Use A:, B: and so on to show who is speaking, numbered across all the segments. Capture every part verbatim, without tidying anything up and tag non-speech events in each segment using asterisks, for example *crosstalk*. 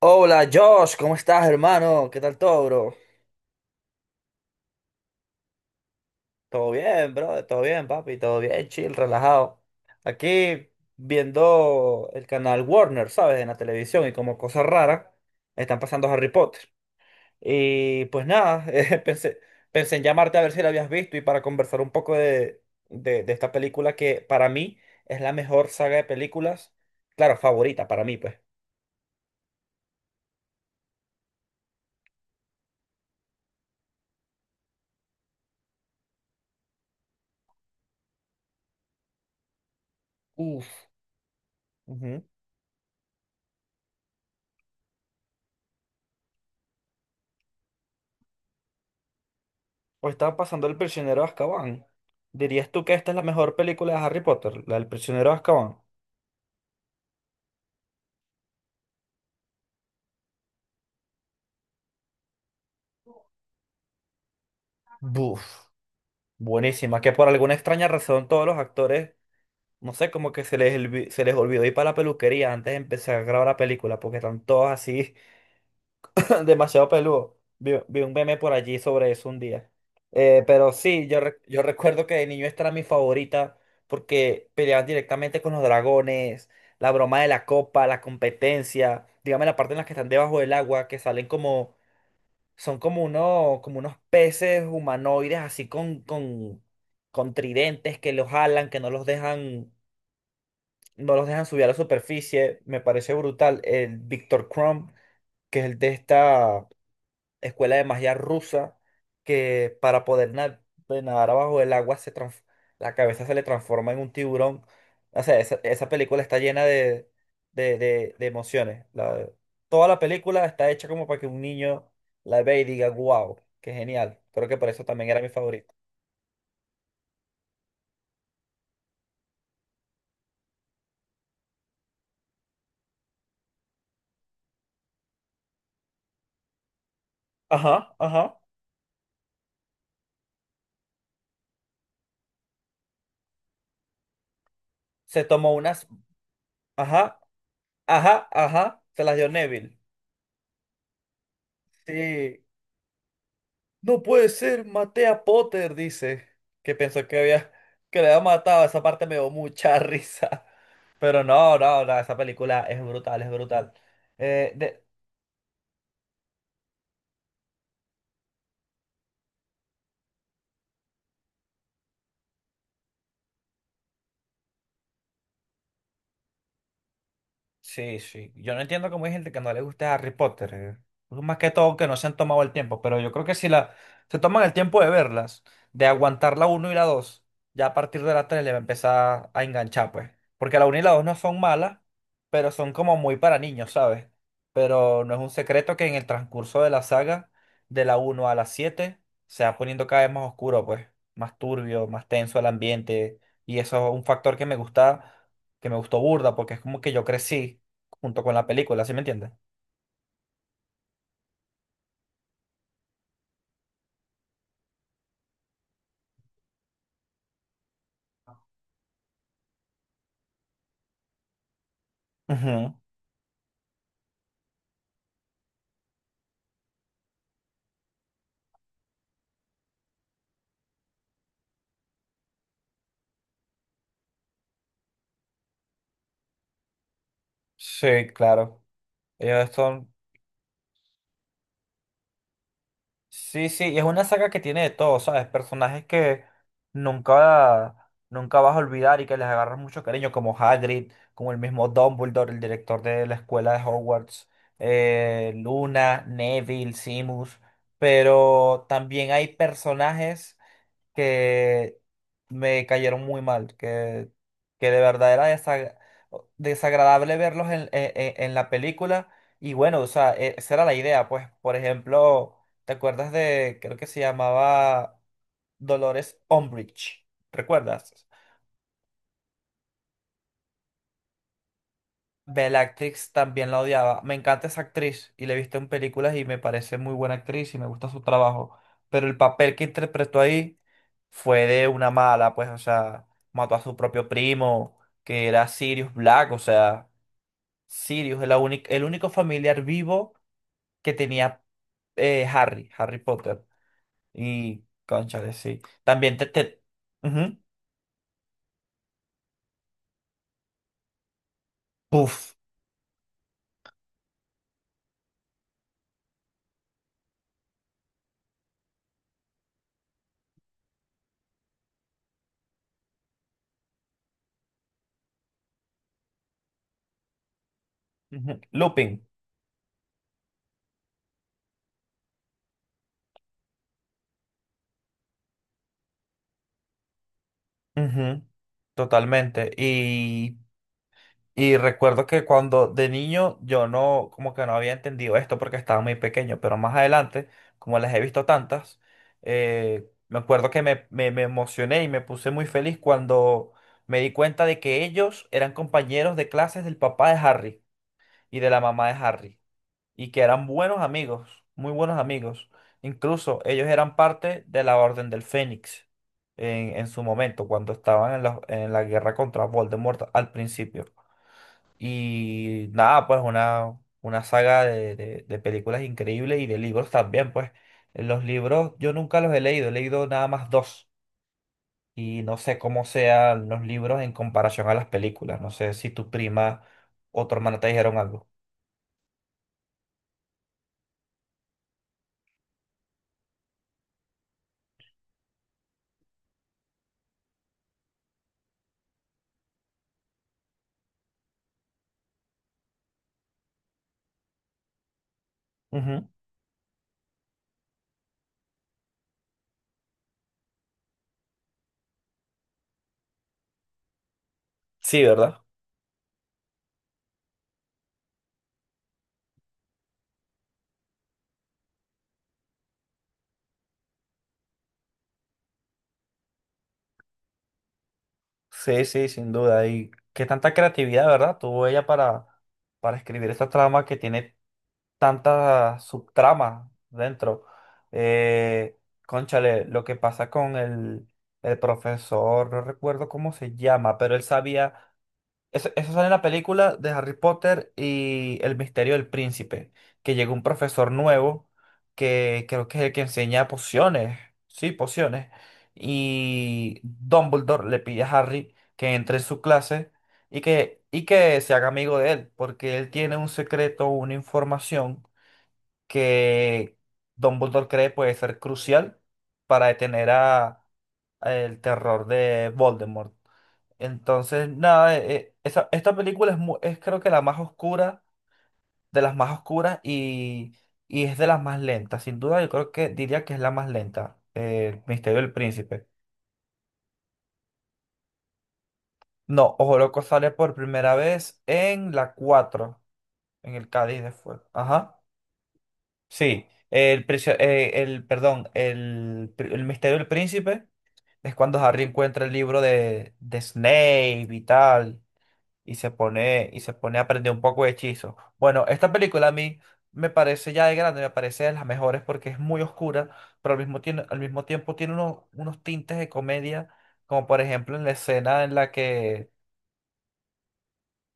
A: Hola Josh, ¿cómo estás, hermano? ¿Qué tal todo, bro? Todo bien, bro, todo bien, papi, todo bien, chill, relajado. Aquí viendo el canal Warner, ¿sabes? En la televisión y como cosa rara, están pasando Harry Potter. Y pues nada, *laughs* eh, pensé, pensé en llamarte a ver si la habías visto y para conversar un poco de, de, de esta película que para mí es la mejor saga de películas, claro, favorita para mí, pues. Uf. O estaba pasando El prisionero de Azkaban. ¿Dirías tú que esta es la mejor película de Harry Potter, la del prisionero de Azkaban? Buf, buenísima, que por alguna extraña razón todos los actores, no sé, como que se les, olvi- se les olvidó ir para la peluquería antes de empezar a grabar la película, porque están todos así demasiado peludo. Vi, vi un meme por allí sobre eso un día. Eh, pero sí, yo, re- yo recuerdo que de niño esta era mi favorita porque peleaban directamente con los dragones, la broma de la copa, la competencia, dígame la parte en la que están debajo del agua, que salen como, son como, unos como unos peces humanoides así con, con, con tridentes que los jalan, que no los dejan, no los dejan subir a la superficie. Me parece brutal. El Victor Crumb, que es el de esta escuela de magia rusa que para poder na- de nadar abajo del agua se trans- la cabeza se le transforma en un tiburón. O sea, esa, esa película está llena de, de, de- de emociones. La- toda la película está hecha como para que un niño la vea y diga, wow, qué genial. Creo que por eso también era mi favorito. Ajá, ajá. Se tomó unas... Ajá, ajá, ajá. Se las dio Neville. Sí. No puede ser, maté a Potter, dice, que pensó que había, que le había matado, esa parte me dio mucha *laughs* risa, pero no, no, no, esa película es brutal, es brutal. Eh, De Sí, sí. Yo no entiendo cómo hay gente que no le guste Harry Potter. eh. Más que todo que no se han tomado el tiempo, pero yo creo que si la, se toman el tiempo de verlas, de aguantar la uno y la dos, ya a partir de la tres le va a empezar a enganchar, pues. Porque la uno y la dos no son malas, pero son como muy para niños, ¿sabes? Pero no es un secreto que en el transcurso de la saga, de la uno a la siete se va poniendo cada vez más oscuro, pues. Más turbio, más tenso el ambiente. Y eso es un factor que me gusta que me gustó burda porque es como que yo crecí junto con la película, ¿sí me entiendes? Ujú. Sí, claro. Ellos son... Sí, sí, y es una saga que tiene de todo, ¿sabes? Personajes que nunca, nunca vas a olvidar y que les agarras mucho cariño, como Hagrid, como el mismo Dumbledore, el director de la escuela de Hogwarts, eh, Luna, Neville, Simus, pero también hay personajes que me cayeron muy mal, que, que de verdad era desa- desagradable verlos en, en- en- en la película. Y bueno, o sea, e- esa era la idea, pues, por ejemplo, ¿te acuerdas de, creo que se llamaba Dolores Umbridge? ¿Recuerdas? Bellatrix también la odiaba. Me encanta esa actriz y la he visto en películas y me parece muy buena actriz y me gusta su trabajo. Pero el papel que interpretó ahí fue de una mala, pues, o sea, mató a su propio primo, que era Sirius Black, o sea, Sirius, es la el único familiar vivo que tenía eh, Harry, Harry Potter. Y, cónchale, sí. También te... te... ujú. Puff. Ujú, Lupin. Ujú. Totalmente. Y... Y recuerdo que cuando de niño yo no, como que no había entendido esto porque estaba muy pequeño, pero más adelante, como las he visto tantas, eh, me acuerdo que me, me, me emocioné y me puse muy feliz cuando me di cuenta de que ellos eran compañeros de clases del papá de Harry y de la mamá de Harry, y que eran buenos amigos, muy buenos amigos. Incluso ellos eran parte de la Orden del Fénix en, en su momento, cuando estaban en la, en la guerra contra Voldemort al principio. Y nada, pues una, una saga de, de- de películas increíbles y de libros también, pues. Los libros yo nunca los he leído, he leído nada más dos. Y no sé cómo sean los libros en comparación a las películas. No sé si tu prima o tu hermana te dijeron algo. Ujú. Sí, ¿verdad? Sí, sí, sin duda. Y qué tanta creatividad, ¿verdad? Tuvo ella para, para escribir esta trama que tiene tantas subtramas dentro. Eh, Cónchale, lo que pasa con el, el profesor, no recuerdo cómo se llama, pero él sabía, eso, eso sale en la película de Harry Potter y El Misterio del Príncipe, que llegó un profesor nuevo que creo que es el que enseña pociones, sí, pociones, y Dumbledore le pide a Harry que entre en su clase y que, y que se haga amigo de él, porque él tiene un secreto, una información que Dumbledore cree puede ser crucial para detener a, a el terror de Voldemort. Entonces, nada, eh, eh, esa- esta película es, mu- es creo que la más oscura, de las más oscuras y, y es de las más lentas. Sin duda, yo creo que diría que es la más lenta, eh, Misterio del Príncipe. No, Ojo Loco sale por primera vez en la cuatro en el Cádiz de Fuego. Ajá. Sí, el, prisio- eh, el, perdón, el, pri- el Misterio del Príncipe. Es cuando Harry encuentra el libro de, de Snape y tal, y se pone, y se pone a aprender un poco de hechizo. Bueno, esta película a mí me parece ya de grande, me parece de las mejores porque es muy oscura, pero al mismo, tiene- al mismo tiempo tiene unos, unos tintes de comedia, como por ejemplo en la escena en la que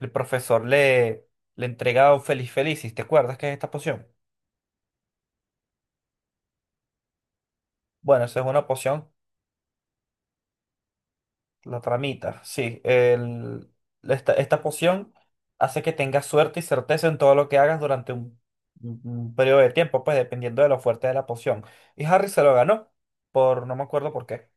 A: el profesor le, le entrega un Feliz Felicis, ¿te acuerdas que es esta poción? Bueno, esa es una poción. La tramita, sí. El, esta, esta poción hace que tengas suerte y certeza en todo lo que hagas durante un, un- un periodo de tiempo, pues dependiendo de lo fuerte de la poción. Y Harry se lo ganó, por no me acuerdo por qué.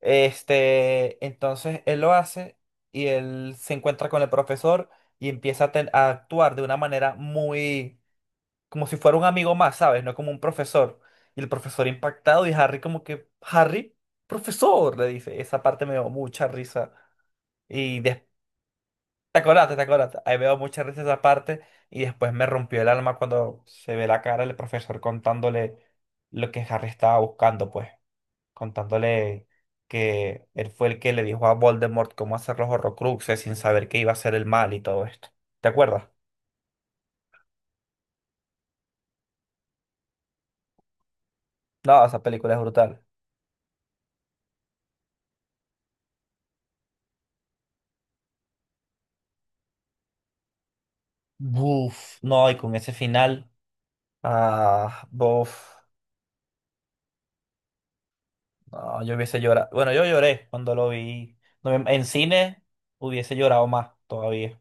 A: Este, entonces él lo hace y él se encuentra con el profesor y empieza a, ten- a actuar de una manera muy, como si fuera un amigo más, ¿sabes? No como un profesor. Y el profesor impactado y Harry como que, Harry, profesor, le dice. Esa parte me dio mucha risa. Y des- Te acordaste, te acordaste. Ahí veo mucha risa esa parte y después me rompió el alma cuando se ve la cara del profesor contándole lo que Harry estaba buscando, pues. Contándole que él fue el que le dijo a Voldemort cómo hacer los Horrocruxes sin saber que iba a hacer el mal y todo esto. ¿Te acuerdas? No, esa película es brutal. Buf, no, y con ese final, ah, buf, no, yo hubiese llorado. Bueno, yo lloré cuando lo vi. No, en en cine hubiese llorado más todavía.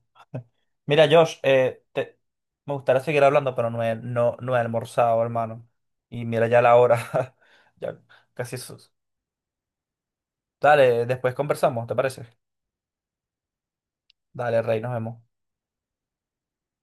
A: Mira, Josh, eh, te- me gustaría seguir hablando, pero no he, no, no he almorzado, hermano. Y mira ya la hora. *laughs* Ya casi eso. Dale, después conversamos, ¿te parece? Dale, Rey, nos vemos.